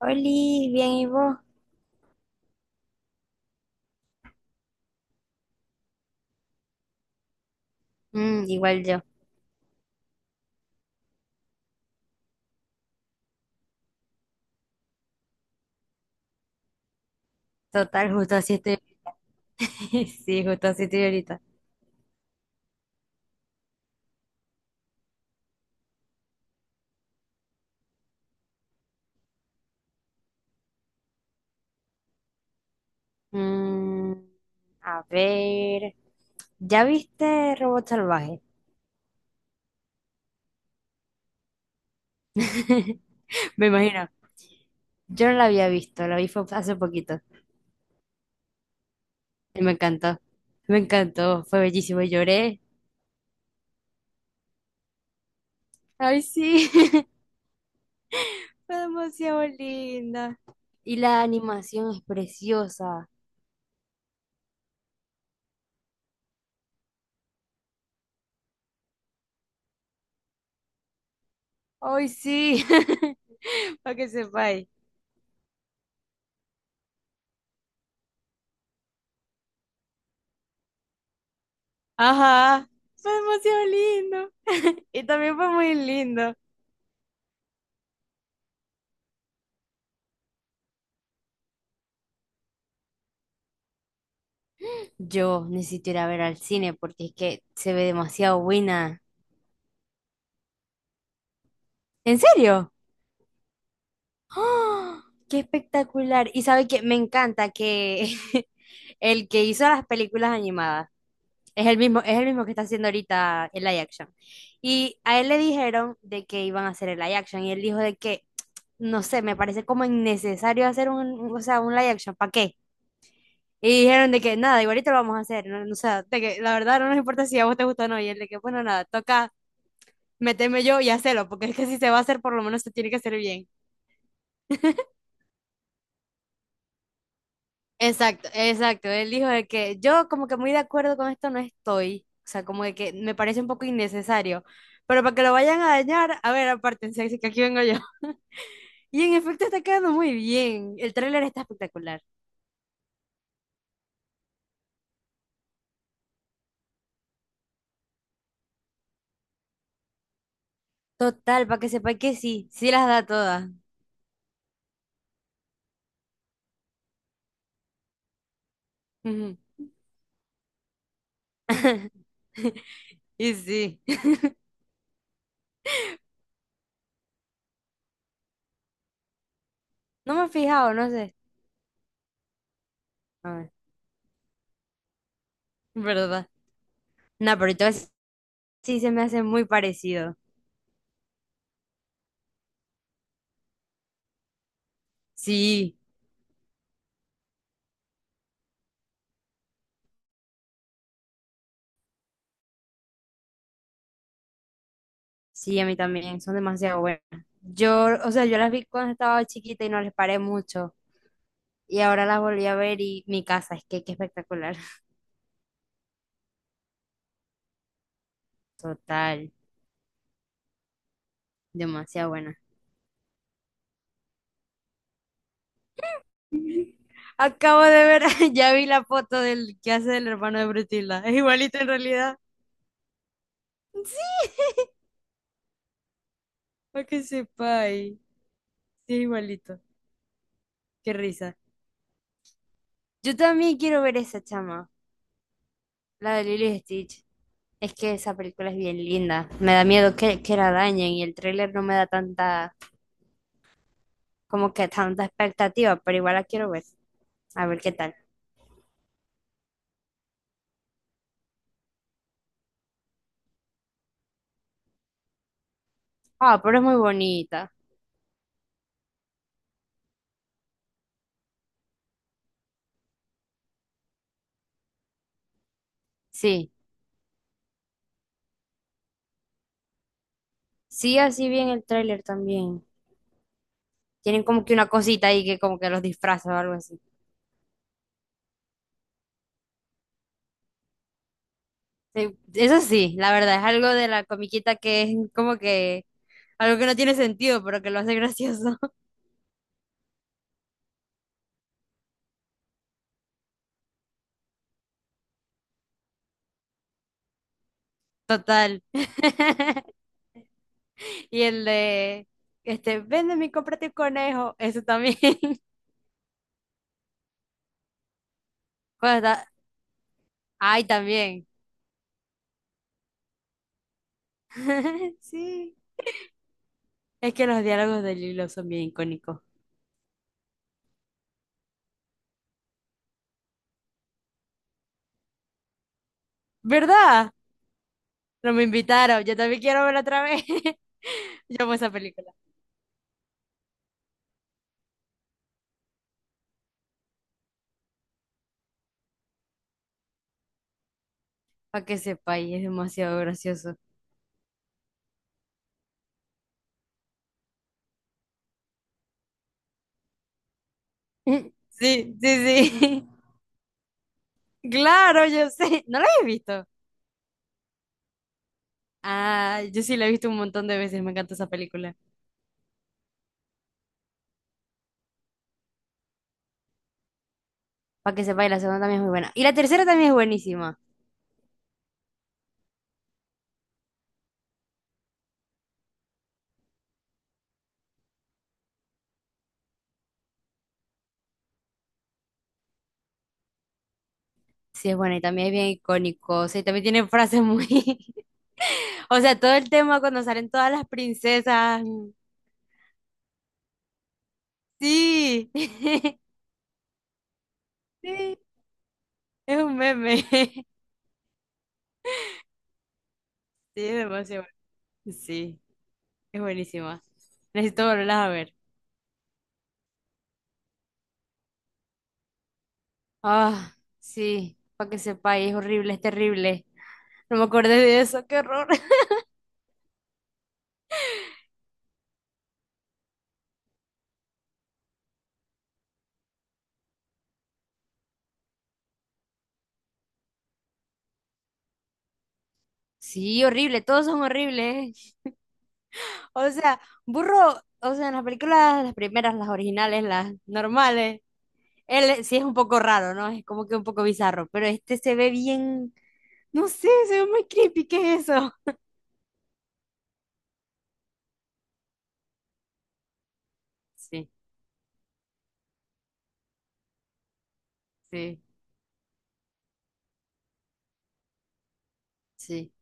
Oli, bien, ¿y vos? Mm, igual yo. Total, justo así estoy ahorita. Sí, justo así estoy ahorita. Mm, a ver. ¿Ya viste Robot Salvaje? Me imagino. Yo no la había visto, la vi fue hace poquito. Y me encantó. Me encantó, fue bellísimo. Lloré. Ay, sí. Fue demasiado linda. Y la animación es preciosa. Ay, sí. Para que sepáis. Ajá, fue demasiado lindo. Y también fue muy lindo. Yo necesito ir a ver al cine porque es que se ve demasiado buena. ¿En serio? ¡Ah! ¡Qué espectacular! Y sabe que me encanta que el que hizo las películas animadas es el mismo que está haciendo ahorita el live action. Y a él le dijeron de que iban a hacer el live action y él dijo de que, no sé, me parece como innecesario hacer o sea, un live action. ¿Para qué? Y dijeron de que nada, igualito lo vamos a hacer. No, no, o sea, de que la verdad no nos importa si a vos te gusta o no. Y él de que, bueno, nada, toca meterme yo y hacerlo, porque es que si se va a hacer, por lo menos se tiene que hacer bien. Exacto, exacto. Él dijo de que yo como que muy de acuerdo con esto no estoy. O sea, como de que me parece un poco innecesario. Pero para que lo vayan a dañar, a ver, apártense, así que aquí vengo yo. Y en efecto está quedando muy bien. El tráiler está espectacular. Total, para que sepa que sí, sí las da todas. Ujú. Y sí. No me he fijado, no sé. A ver, ¿verdad? No, pero entonces sí se me hace muy parecido. Sí, sí, a mí también, son demasiado buenas. Yo, o sea, yo las vi cuando estaba chiquita y no les paré mucho. Y ahora las volví a ver y mi casa, es que qué espectacular. Total, demasiado buena. Acabo de ver, ya vi la foto del que hace del hermano de Brutila. Es igualito en realidad. Sí. Para que sepa, sí, es igualito. Qué risa. Yo también quiero ver esa chama, la de Lilo y Stitch. Es que esa película es bien linda. Me da miedo que la dañen y el tráiler no me da tanta, como que tanta expectativa, pero igual la quiero ver. A ver qué tal. Ah, pero es muy bonita. Sí, sí, así bien el tráiler también. Tienen como que una cosita ahí que como que los disfraza o algo así. Sí, eso sí, la verdad, es algo de la comiquita que es como que algo que no tiene sentido, pero que lo hace gracioso. Total. Y el de, este, véndeme y cómprate un conejo. Eso también. Cuando está- Ay, también. Sí. Es que los diálogos de Lilo son bien icónicos. ¿Verdad? No me invitaron. Yo también quiero verla otra vez. Yo amo esa película. Para que sepa, y es demasiado gracioso. Sí, sí, sí. Claro, yo sé. ¿No la he visto? Ah, yo sí la he visto un montón de veces. Me encanta esa película. Para que sepa, y la segunda también es muy buena. Y la tercera también es buenísima. Sí, es buena y también es bien icónico. O sea, y también tiene frases muy... O sea, todo el tema cuando salen todas las princesas. Sí, sí, es un meme. Sí, es demasiado bueno. Sí, es buenísima. Necesito volverlas a ver. Ah, sí, para que sepáis, es horrible, es terrible. No me acordé de eso, qué horror. Sí, horrible, todos son horribles. O sea, burro, o sea, en las películas, las primeras, las originales, las normales, él sí es un poco raro, ¿no? Es como que un poco bizarro, pero este se ve bien, no sé, se ve muy creepy, ¿qué es eso? Sí, sí, sí.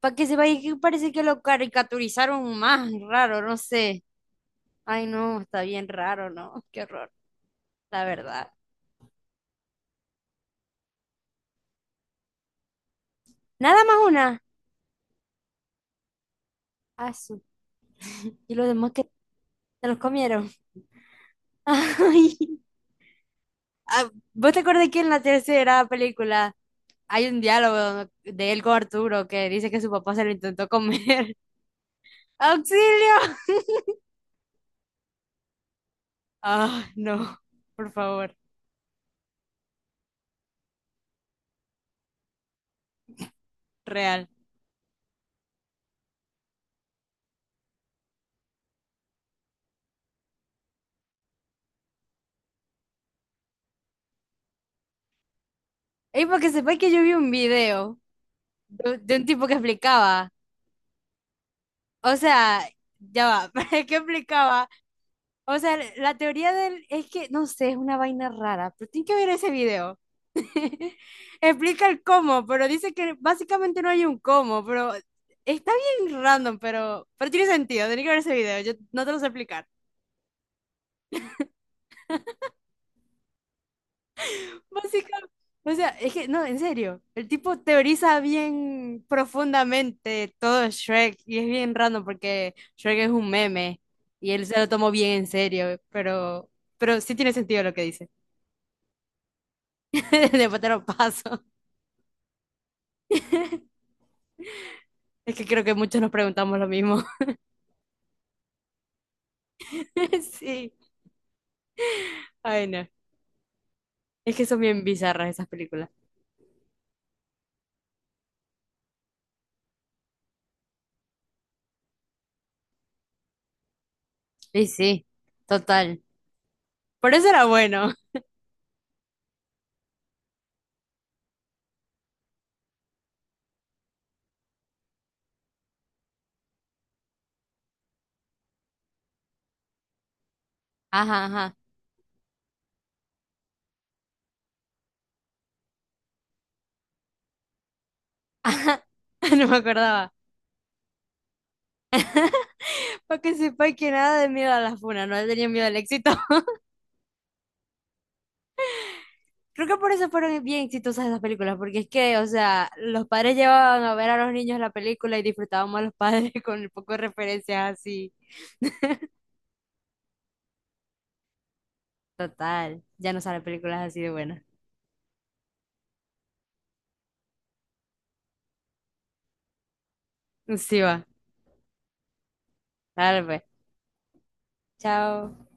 Para que se vaya, que parece que lo caricaturizaron más, raro, no sé. Ay, no, está bien raro, ¿no? Qué horror, la verdad. Nada más una. Ah, su- Y los demás que se los comieron. Ay. Ah, ¿vos te acordás que en la tercera película hay un diálogo de él con Arturo que dice que su papá se lo intentó comer? ¡Auxilio! Ah, no, por favor, real. Y para que sepáis que yo vi un video de un tipo que explicaba. O sea, ya va, pero es explicaba. O sea, la teoría del es que, no sé, es una vaina rara, pero tiene que ver ese video. Explica el cómo, pero dice que básicamente no hay un cómo, pero está bien random, pero tiene sentido, tiene que ver ese video, yo no te lo sé explicar. Básicamente, o sea, es que, no, en serio, el tipo teoriza bien profundamente todo Shrek y es bien raro porque Shrek es un meme y él se lo tomó bien en serio, pero sí tiene sentido lo que dice. Después te lo paso. Es que creo que muchos nos preguntamos lo mismo. Sí, ay no, es que son bien bizarras esas películas. Sí, sí, total. Por eso era bueno. Ajá, ajá. Ajá. No me acordaba. Para que sepa que nada de miedo a la funa, no le tenía miedo al éxito. Creo que por eso fueron bien exitosas esas películas, porque es que, o sea, los padres llevaban a ver a los niños la película y disfrutábamos a los padres con el poco de referencias así. Total, ya no salen películas así de buenas. Sí va, dale pues. Chao.